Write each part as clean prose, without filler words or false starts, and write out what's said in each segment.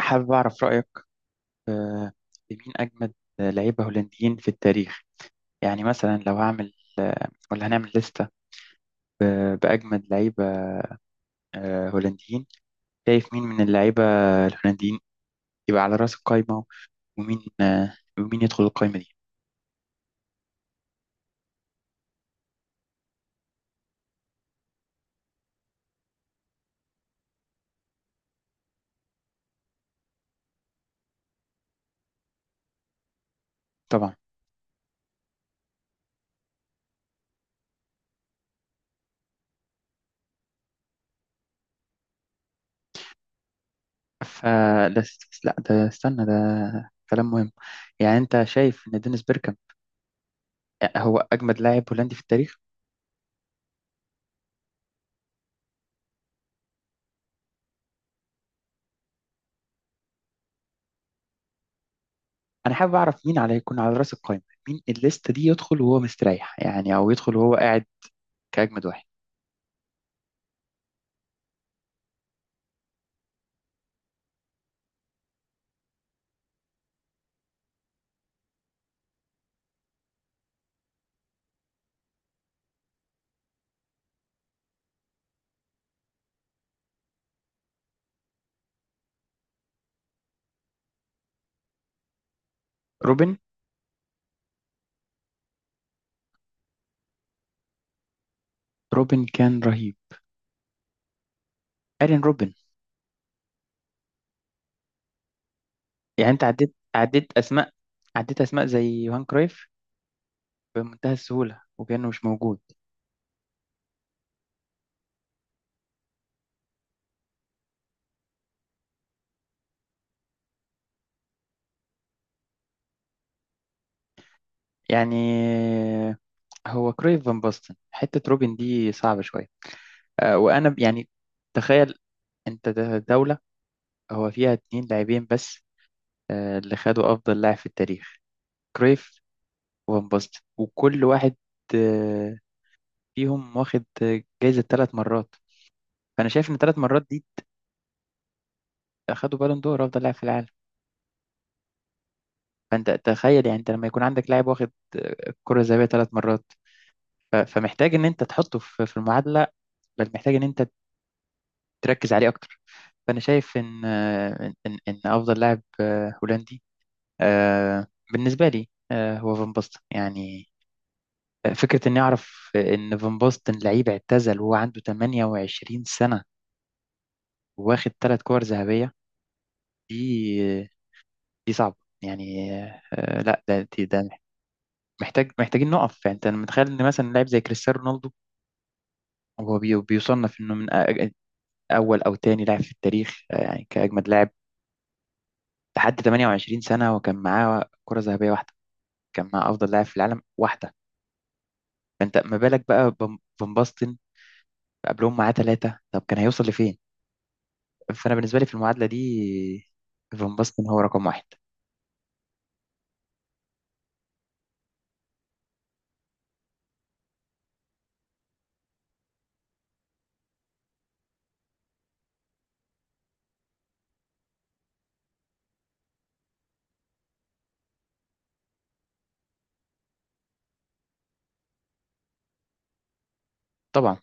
حابب أعرف رأيك، آه، في مين أجمد لعيبة هولنديين في التاريخ؟ يعني مثلا لو هعمل، ولا هنعمل لستة بأجمد لعيبة هولنديين. شايف مين من اللعيبة الهولنديين يبقى على رأس القايمة؟ ومين آه، ومين يدخل القايمة دي؟ طبعا. فلس. لا، ده استنى، ده كلام مهم. يعني أنت شايف إن دينيس بيركام هو أجمد لاعب هولندي في التاريخ؟ أنا حابب أعرف مين على يكون على رأس القايمة، مين الليستة دي يدخل وهو مستريح يعني، أو يدخل وهو قاعد كأجمد واحد. روبن. روبن كان رهيب. ايرين روبن. يعني انت عديت اسماء، عديت اسماء زي يوهان كرويف بمنتهى السهولة وكأنه مش موجود. يعني هو كرويف فان باستن، حتة روبن دي صعبة شوية. وانا يعني تخيل، انت دولة هو فيها اتنين لاعبين بس، اللي خدوا افضل لاعب في التاريخ، كرويف وفان باستن، وكل واحد آه، فيهم واخد جايزة ثلاث مرات. فانا شايف ان ثلاث مرات دي، اخدوا بالون دور افضل لاعب في العالم. فانت تخيل، يعني انت لما يكون عندك لاعب واخد الكرة الذهبية ثلاث مرات، فمحتاج ان انت تحطه في المعادلة، بل محتاج ان انت تركز عليه اكتر. فانا شايف ان إن افضل لاعب هولندي، آه، بالنسبة لي، هو فان باستن يعني. فكرة اني اعرف ان فان باستن لعيب اعتزل وهو عنده 28 سنة واخد ثلاث كور ذهبية، دي دي صعبة يعني. لا ده ده محتاج، محتاجين نقف. يعني انت متخيل ان مثلا لاعب زي كريستيانو رونالدو هو بيصنف انه اول او تاني لاعب في التاريخ، يعني كاجمد لاعب لحد 28 سنه، وكان معاه كره ذهبيه واحده، كان معاه افضل لاعب في العالم واحده. فانت ما بالك بقى فان باستن قبلهم معاه ثلاثه، طب كان هيوصل لفين؟ فانا بالنسبه لي في المعادله دي فان باستن هو رقم واحد. طبعا.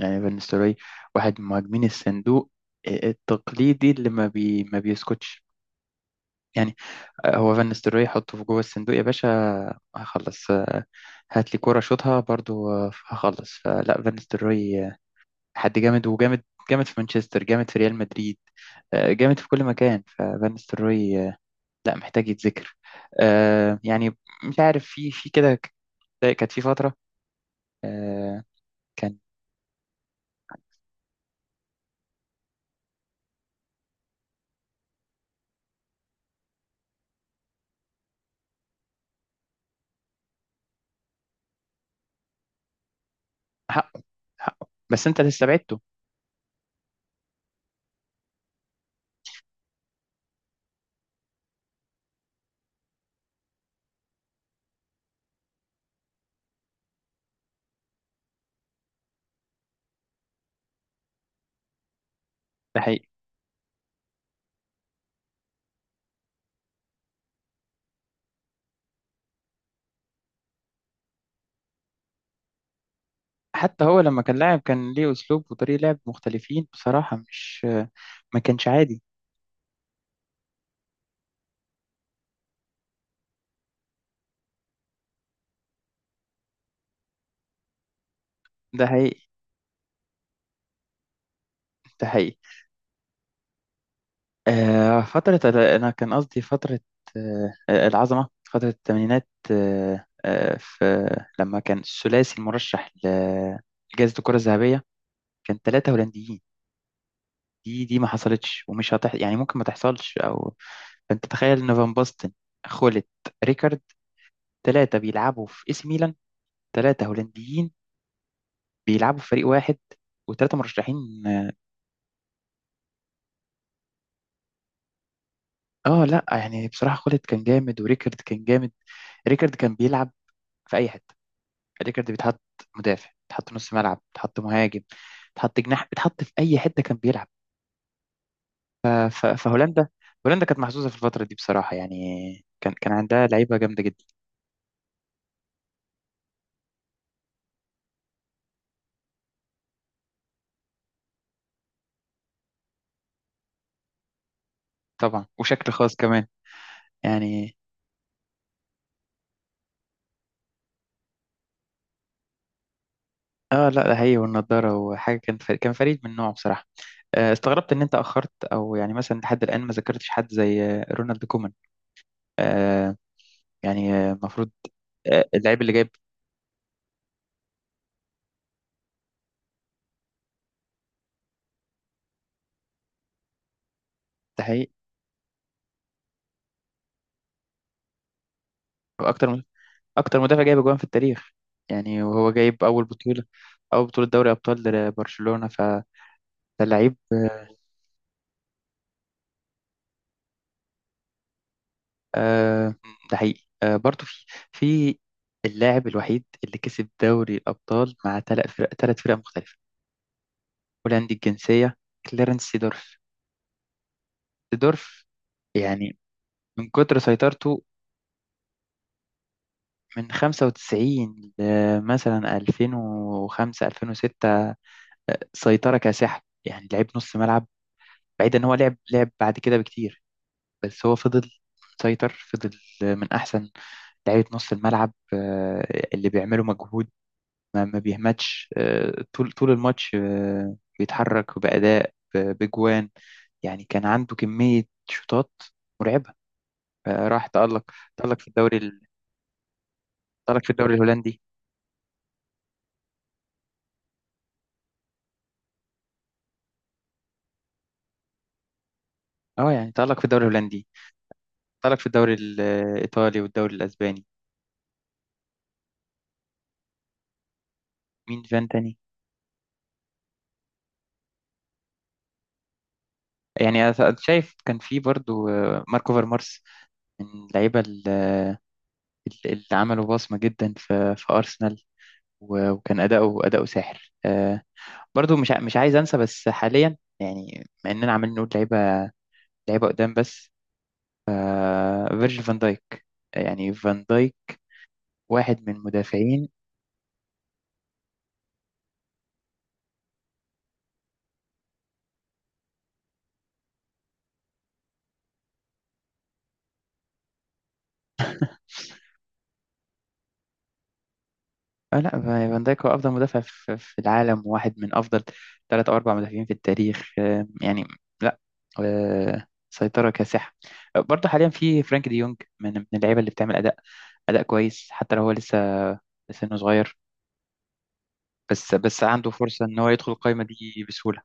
يعني بالنسبه لي واحد من مهاجمين الصندوق التقليدي اللي ما بيسكتش يعني. هو فان نيستلروي، حطه في جوه الصندوق يا باشا هخلص، هات لي كوره شوطها برضو هخلص. فلا فان نيستلروي حد جامد وجامد، جامد في مانشستر، جامد في ريال مدريد، جامد في كل مكان. ففان نيستلروي لا محتاج يتذكر. يعني مش عارف في كده، كانت في فترة آه، كان حقه. حقه، بس انت اللي استبعدته. ده حقيقي. حتى هو لما كان لاعب كان ليه اسلوب وطريقة لعب مختلفين بصراحة، مش ما كانش عادي. ده حقيقي. ده حقيقي. فترة، أنا كان قصدي فترة العظمة، فترة الثمانينات، في لما كان الثلاثي المرشح لجائزة الكرة الذهبية كان ثلاثة هولنديين. دي ما حصلتش، ومش هتح يعني، ممكن ما تحصلش. أو فأنت تخيل إن فان باستن، خولت، ريكارد، ثلاثة بيلعبوا في إي سي ميلان، ثلاثة هولنديين بيلعبوا في فريق واحد، وثلاثة مرشحين. اه لا يعني بصراحة خولت كان جامد وريكارد كان جامد. ريكارد كان بيلعب في أي حتة. ريكارد بيتحط مدافع، بيتحط نص ملعب، بيتحط مهاجم، بيتحط جناح، بيتحط في اي حته كان بيلعب. فهولندا، هولندا كانت محظوظه في الفتره دي بصراحه يعني، كان عندها لعيبه جامده جدا. طبعا، وشكل خاص كمان يعني. اه لا ده هي والنضاره وحاجه، كان فريق، كان فريد من نوعه بصراحه. استغربت ان انت اخرت، او يعني مثلا لحد الان ما ذكرتش حد زي رونالد كومان. آه، يعني المفروض اللاعب اللي جايب. ده حقيقي. اكتر اكتر مدافع جايب اجوان في التاريخ يعني، وهو جايب اول بطولة دوري ابطال لبرشلونة، فده لعيب. آه، ده حقيقي. برضه في في اللاعب الوحيد اللي كسب دوري الابطال مع ثلاث فرق مختلفة، هولندي الجنسية، كليرنس سيدورف. سيدورف يعني من كتر سيطرته من 95 ل مثلا 2005، 2006، سيطرة كاسحة. يعني لعيب نص ملعب، بعيد ان هو لعب بعد كده بكتير، بس هو فضل مسيطر. فضل من أحسن لعيبة نص الملعب، اللي بيعملوا مجهود، ما بيهمتش طول الماتش، بيتحرك بأداء، بجوان يعني. كان عنده كمية شوطات مرعبة. راح تألق في الدوري تألق في الدوري الهولندي. اه يعني تألق في الدوري الهولندي، تألق في الدوري الإيطالي والدوري الأسباني. مين فان تاني؟ يعني أنا شايف كان في برضو ماركو فيرمارس، من اللعيبة اللي عملوا بصمة جدا في أرسنال، وكان أداؤه ساحر. برضو مش مش عايز أنسى بس حاليا يعني، مع إننا عمالين نقول لعيبة، لعيبة قدام بس، فيرجيل فان دايك. يعني فان دايك واحد من مدافعين. آه لا، فان دايك هو أفضل مدافع في العالم، وواحد من أفضل ثلاث أو أربع مدافعين في التاريخ يعني. لا، سيطرة كاسحة. برضو حاليا في فرانك دي يونج، من اللعيبة اللي بتعمل أداء أداء كويس. حتى لو هو لسه سنه صغير، بس عنده فرصة إن هو يدخل القايمة دي بسهولة.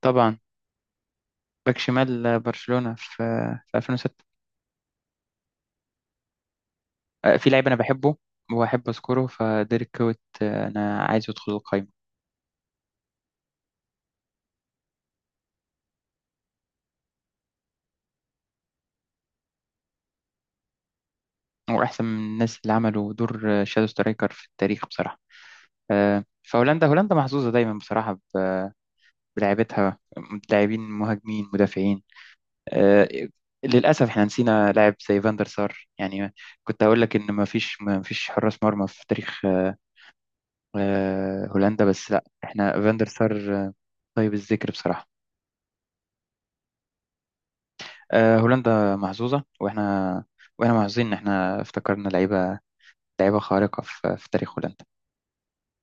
طبعا، باك شمال برشلونة في 2006. في لعيب أنا بحبه وأحب أذكره، فديريك كوت، أنا عايزه يدخل القايمة. هو أحسن من الناس اللي عملوا دور شادو سترايكر في التاريخ بصراحة. فهولندا، هولندا محظوظة دايما بصراحة بلاعيبتها. لاعبين، مهاجمين، مدافعين. آه، للأسف احنا نسينا لاعب زي فاندر سار يعني. كنت هقول لك إن ما فيش حراس مرمى في تاريخ هولندا، بس لا، احنا فاندر سار طيب الذكر بصراحة. هولندا محظوظة، واحنا محظوظين إن احنا افتكرنا لعيبة، لعيبة خارقة في تاريخ هولندا.